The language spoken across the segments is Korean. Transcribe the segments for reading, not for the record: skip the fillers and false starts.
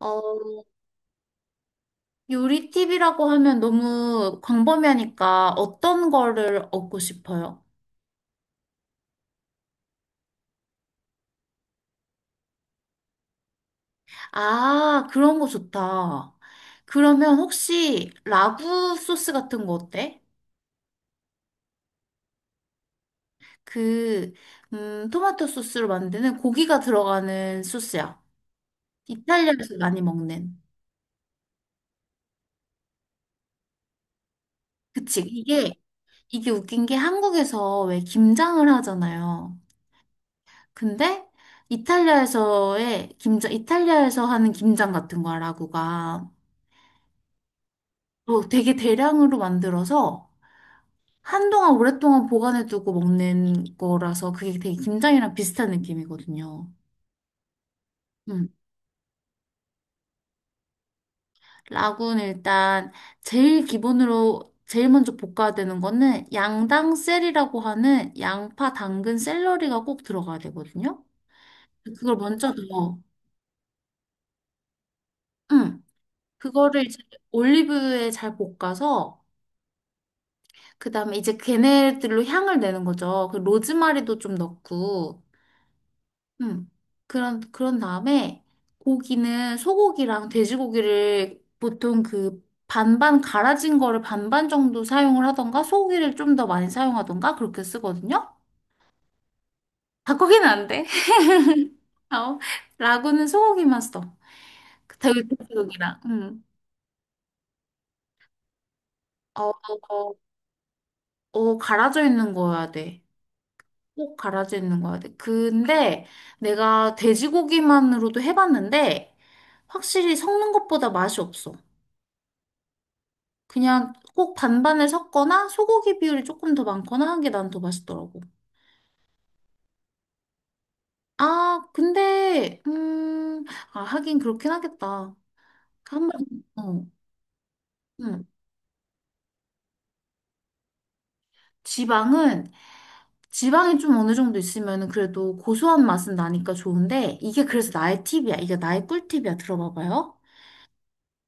어, 요리 팁이라고 하면 너무 광범위하니까 어떤 거를 얻고 싶어요? 아, 그런 거 좋다. 그러면 혹시 라구 소스 같은 거 어때? 그, 토마토 소스로 만드는 고기가 들어가는 소스야. 이탈리아에서 많이 먹는. 그치. 이게 웃긴 게 한국에서 왜 김장을 하잖아요. 근데 이탈리아에서 하는 김장 같은 거야, 라구가. 어, 되게 대량으로 만들어서 한동안 오랫동안 보관해두고 먹는 거라서 그게 되게 김장이랑 비슷한 느낌이거든요. 음, 라군 일단 제일 기본으로 제일 먼저 볶아야 되는 거는 양당 셀이라고 하는 양파, 당근, 샐러리가 꼭 들어가야 되거든요. 그걸 먼저 넣어. 음, 그거를 이제 올리브유에 잘 볶아서 그다음에 이제 걔네들로 향을 내는 거죠. 그 로즈마리도 좀 넣고. 음. 그런 다음에 고기는 소고기랑 돼지고기를 보통 그 반반 갈아진 거를 반반 정도 사용을 하던가 소고기를 좀 더 많이 사용하던가 그렇게 쓰거든요. 닭고기는 안 돼. 어, 라구는 소고기만 써. 그 돼지- 고기랑 어, 어, 갈아져 있는 거여야 돼. 꼭 갈아져 있는 거여야 돼. 근데 내가 돼지고기만으로도 해봤는데 확실히 섞는 것보다 맛이 없어. 그냥 꼭 반반을 섞거나 소고기 비율이 조금 더 많거나 한 게 난 더 맛있더라고. 아, 근데, 음, 아, 하긴 그렇긴 하겠다. 그 한 번, 어, 음. 지방은, 지방이 좀 어느 정도 있으면 그래도 고소한 맛은 나니까 좋은데, 이게 그래서 나의 팁이야. 이게 나의 꿀팁이야. 들어봐봐요.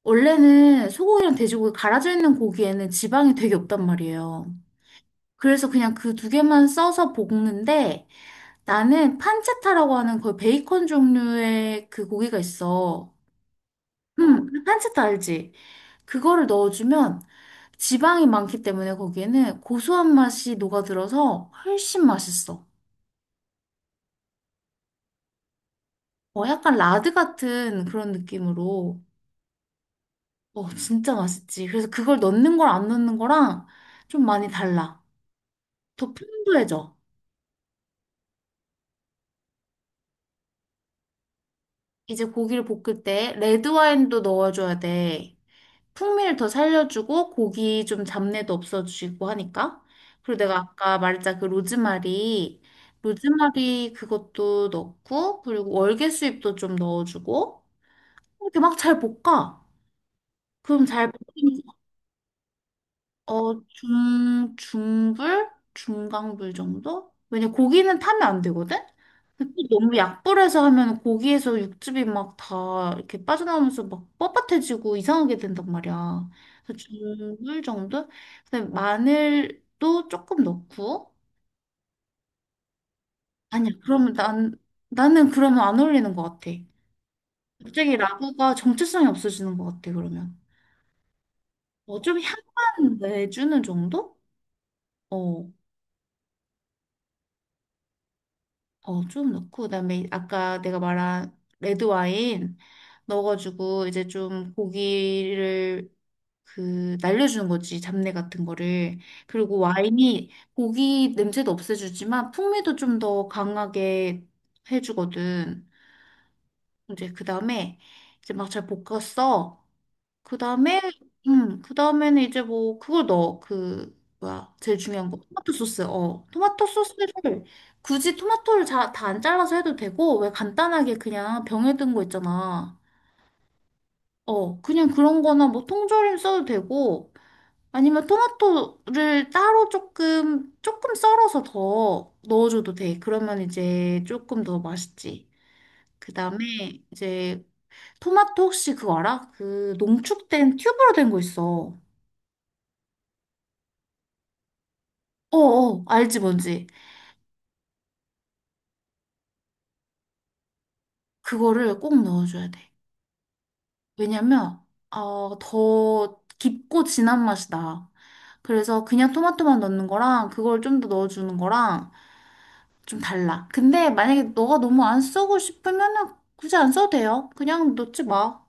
원래는 소고기랑 돼지고기 갈아져 있는 고기에는 지방이 되게 없단 말이에요. 그래서 그냥 그 두 개만 써서 볶는데, 나는 판체타라고 하는 거의 베이컨 종류의 그 고기가 있어. 어. 판체타 알지? 그거를 넣어주면 지방이 많기 때문에 거기에는 고소한 맛이 녹아들어서 훨씬 맛있어. 어, 약간 라드 같은 그런 느낌으로. 어, 진짜 맛있지. 그래서 그걸 넣는 걸 안 넣는 거랑 좀 많이 달라. 더 풍부해져. 이제 고기를 볶을 때 레드 와인도 넣어줘야 돼. 풍미를 더 살려주고 고기 좀 잡내도 없어지고 하니까. 그리고 내가 아까 말했자 그 로즈마리, 로즈마리 그것도 넣고 그리고 월계수잎도 좀 넣어주고 이렇게 막 잘 볶아. 그럼 잘 볶은 중불? 중강불 정도? 왜냐, 고기는 타면 안 되거든? 근데 또 너무 약불에서 하면 고기에서 육즙이 막 다 이렇게 빠져나오면서 막 뻣뻣해지고 이상하게 된단 말이야. 그래서 중불 정도? 근데 마늘도 조금 넣고. 아니야, 그러면 난, 나는 그러면 안 어울리는 것 같아. 갑자기 라구가 정체성이 없어지는 것 같아, 그러면. 어, 좀 향만 내주는 정도? 어. 어, 좀 넣고, 그다음에 아까 내가 말한 레드 와인 넣어가지고 이제 좀 고기를 그 날려주는 거지, 잡내 같은 거를. 그리고 와인이 고기 냄새도 없애주지만 풍미도 좀 더 강하게 해주거든. 이제 그다음에 이제 막 잘 볶았어. 그 다음에, 그 다음에는 이제 뭐, 그걸 넣어. 그, 뭐야, 제일 중요한 거. 토마토 소스. 어. 토마토 소스를, 굳이 토마토를 다 안 잘라서 해도 되고, 왜 간단하게 그냥 병에 든 거 있잖아. 어, 그냥 그런 거나 뭐 통조림 써도 되고, 아니면 토마토를 따로 조금 썰어서 더 넣어줘도 돼. 그러면 이제 조금 더 맛있지. 그 다음에 이제 토마토 혹시 그거 알아? 그 농축된 튜브로 된 거 있어. 어어, 알지 뭔지. 그거를 꼭 넣어줘야 돼. 왜냐면, 어, 더 깊고 진한 맛이 나. 그래서 그냥 토마토만 넣는 거랑 그걸 좀 더 넣어주는 거랑 좀 달라. 근데 만약에 너가 너무 안 쓰고 싶으면은 굳이 안 써도 돼요. 그냥 넣지 마.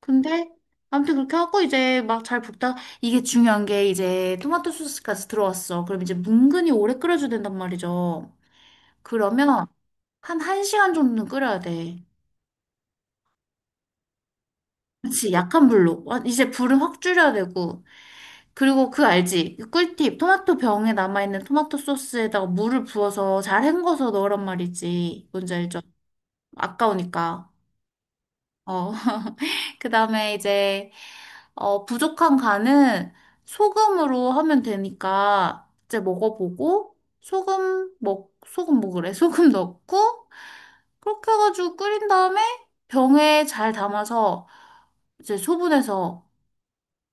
근데 아무튼 그렇게 하고 이제 막 잘 볶다 이게 중요한 게 이제 토마토 소스까지 들어왔어. 그럼 이제 뭉근히 오래 끓여줘야 된단 말이죠. 그러면 한 1시간 정도는 끓여야 돼. 그치, 약한 불로. 와, 이제 불은 확 줄여야 되고. 그리고 그 알지? 그 꿀팁. 토마토 병에 남아있는 토마토 소스에다가 물을 부어서 잘 헹궈서 넣으란 말이지. 뭔지 알죠? 아까우니까. 어. 그 다음에 이제, 부족한 간은 소금으로 하면 되니까 이제 먹어보고, 소금, 뭐, 소금 뭐 그래? 소금 넣고, 그렇게 해가지고 끓인 다음에 병에 잘 담아서 이제 소분해서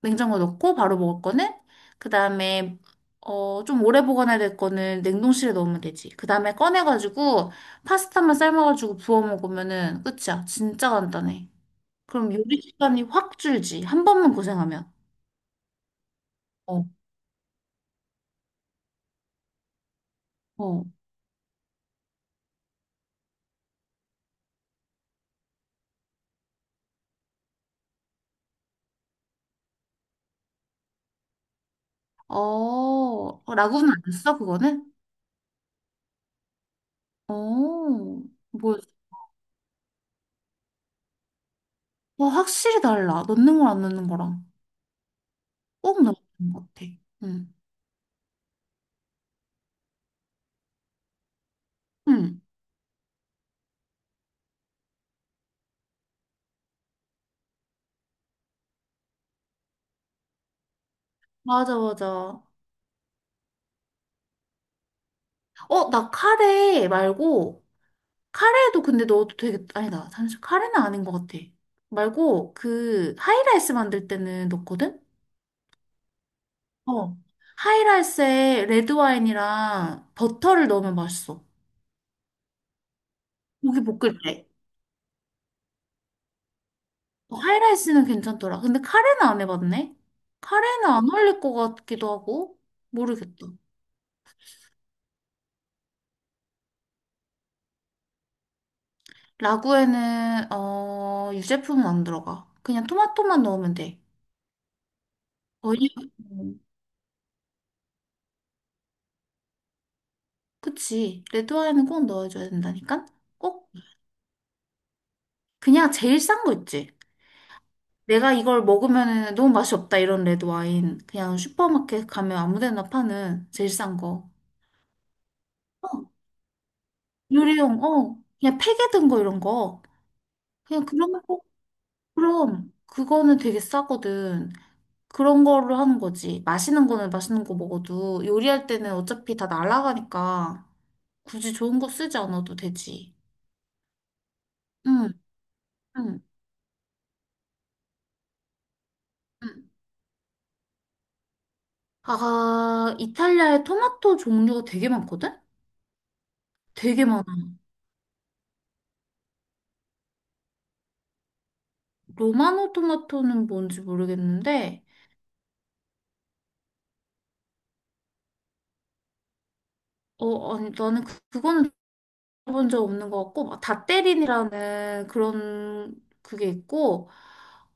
냉장고 넣고 바로 먹을 거는 그다음에 좀 오래 보관해야 될 거는 냉동실에 넣으면 되지. 그다음에 꺼내가지고 파스타만 삶아가지고 부어 먹으면은 끝이야. 진짜 간단해. 그럼 요리 시간이 확 줄지. 한 번만 고생하면. 어, 어. 어, 어, 라구는 안 했어, 그거는? 어, 뭐, 와, 확실히 달라. 넣는 거랑 안 넣는 거랑. 꼭 넣는 것 같아. 응, 응. 맞아, 맞아. 어, 나 카레 말고, 카레도 근데 넣어도 되게, 아니다. 잠시 카레는 아닌 것 같아. 말고, 그, 하이라이스 만들 때는 넣거든? 어. 하이라이스에 레드와인이랑 버터를 넣으면 맛있어. 고기 볶을 때. 어, 하이라이스는 괜찮더라. 근데 카레는 안 해봤네? 카레는 안 어울릴 것 같기도 하고, 모르겠다. 라구에는, 어, 유제품은 안 들어가. 그냥 토마토만 넣으면 돼. 거의, 음, 그치. 레드와인은 꼭 넣어줘야 된다니까? 꼭 그냥 제일 싼 거 있지. 내가 이걸 먹으면 너무 맛이 없다 이런 레드 와인. 그냥 슈퍼마켓 가면 아무 데나 파는 제일 싼 거. 어, 요리용, 어, 그냥 팩에 든 거 이런 거. 그냥 그런 거, 그럼. 그거는 되게 싸거든. 그런 걸로 하는 거지. 맛있는 거는 맛있는 거 먹어도 요리할 때는 어차피 다 날아가니까 굳이 좋은 거 쓰지 않아도 되지. 응, 응, 응. 아, 이탈리아에 토마토 종류가 되게 많거든? 되게 많아. 로마노 토마토는 뭔지 모르겠는데, 아니, 나는 그거는 들어본 적 없는 것 같고, 막닷 a 린이라는 그런 그게 있고,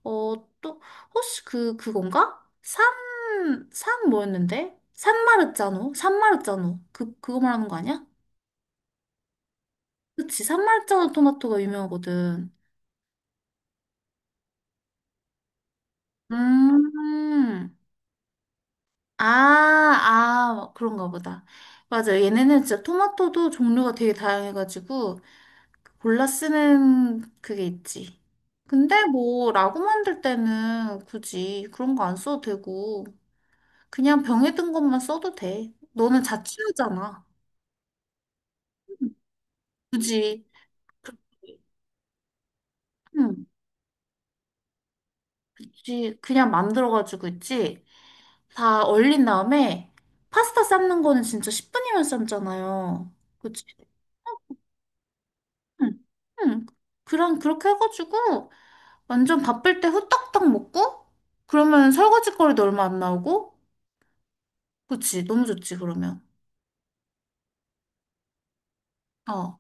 어, 또, 혹시 그, 그건가? 산, 산 뭐였는데? 산마르자노? 산마르자노. 그, 그거 말하는 거 아니야? 그치, 산마르자노 토마토가 유명하거든. 음, 아, 아, 그런가 보다. 맞아. 얘네는 진짜 토마토도 종류가 되게 다양해가지고, 골라 쓰는 그게 있지. 근데 뭐 라고 만들 때는 굳이 그런 거 안 써도 되고 그냥 병에 든 것만 써도 돼. 너는 자취하잖아. 음, 굳이 그렇게, 응, 그치. 그냥 만들어가지고 있지. 다 얼린 다음에 파스타 삶는 거는 진짜 10분이면 삶잖아요. 그치? 응, 응. 그렇게 해가지고 완전 바쁠 때 후딱딱 먹고 그러면 설거지 거리도 얼마 안 나오고 그치, 너무 좋지, 그러면. 어,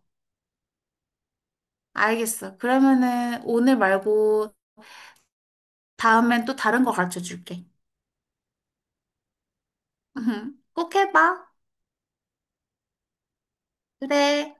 알겠어. 그러면은 오늘 말고 다음엔 또 다른 거 가르쳐 줄게. 꼭 해봐. 그래.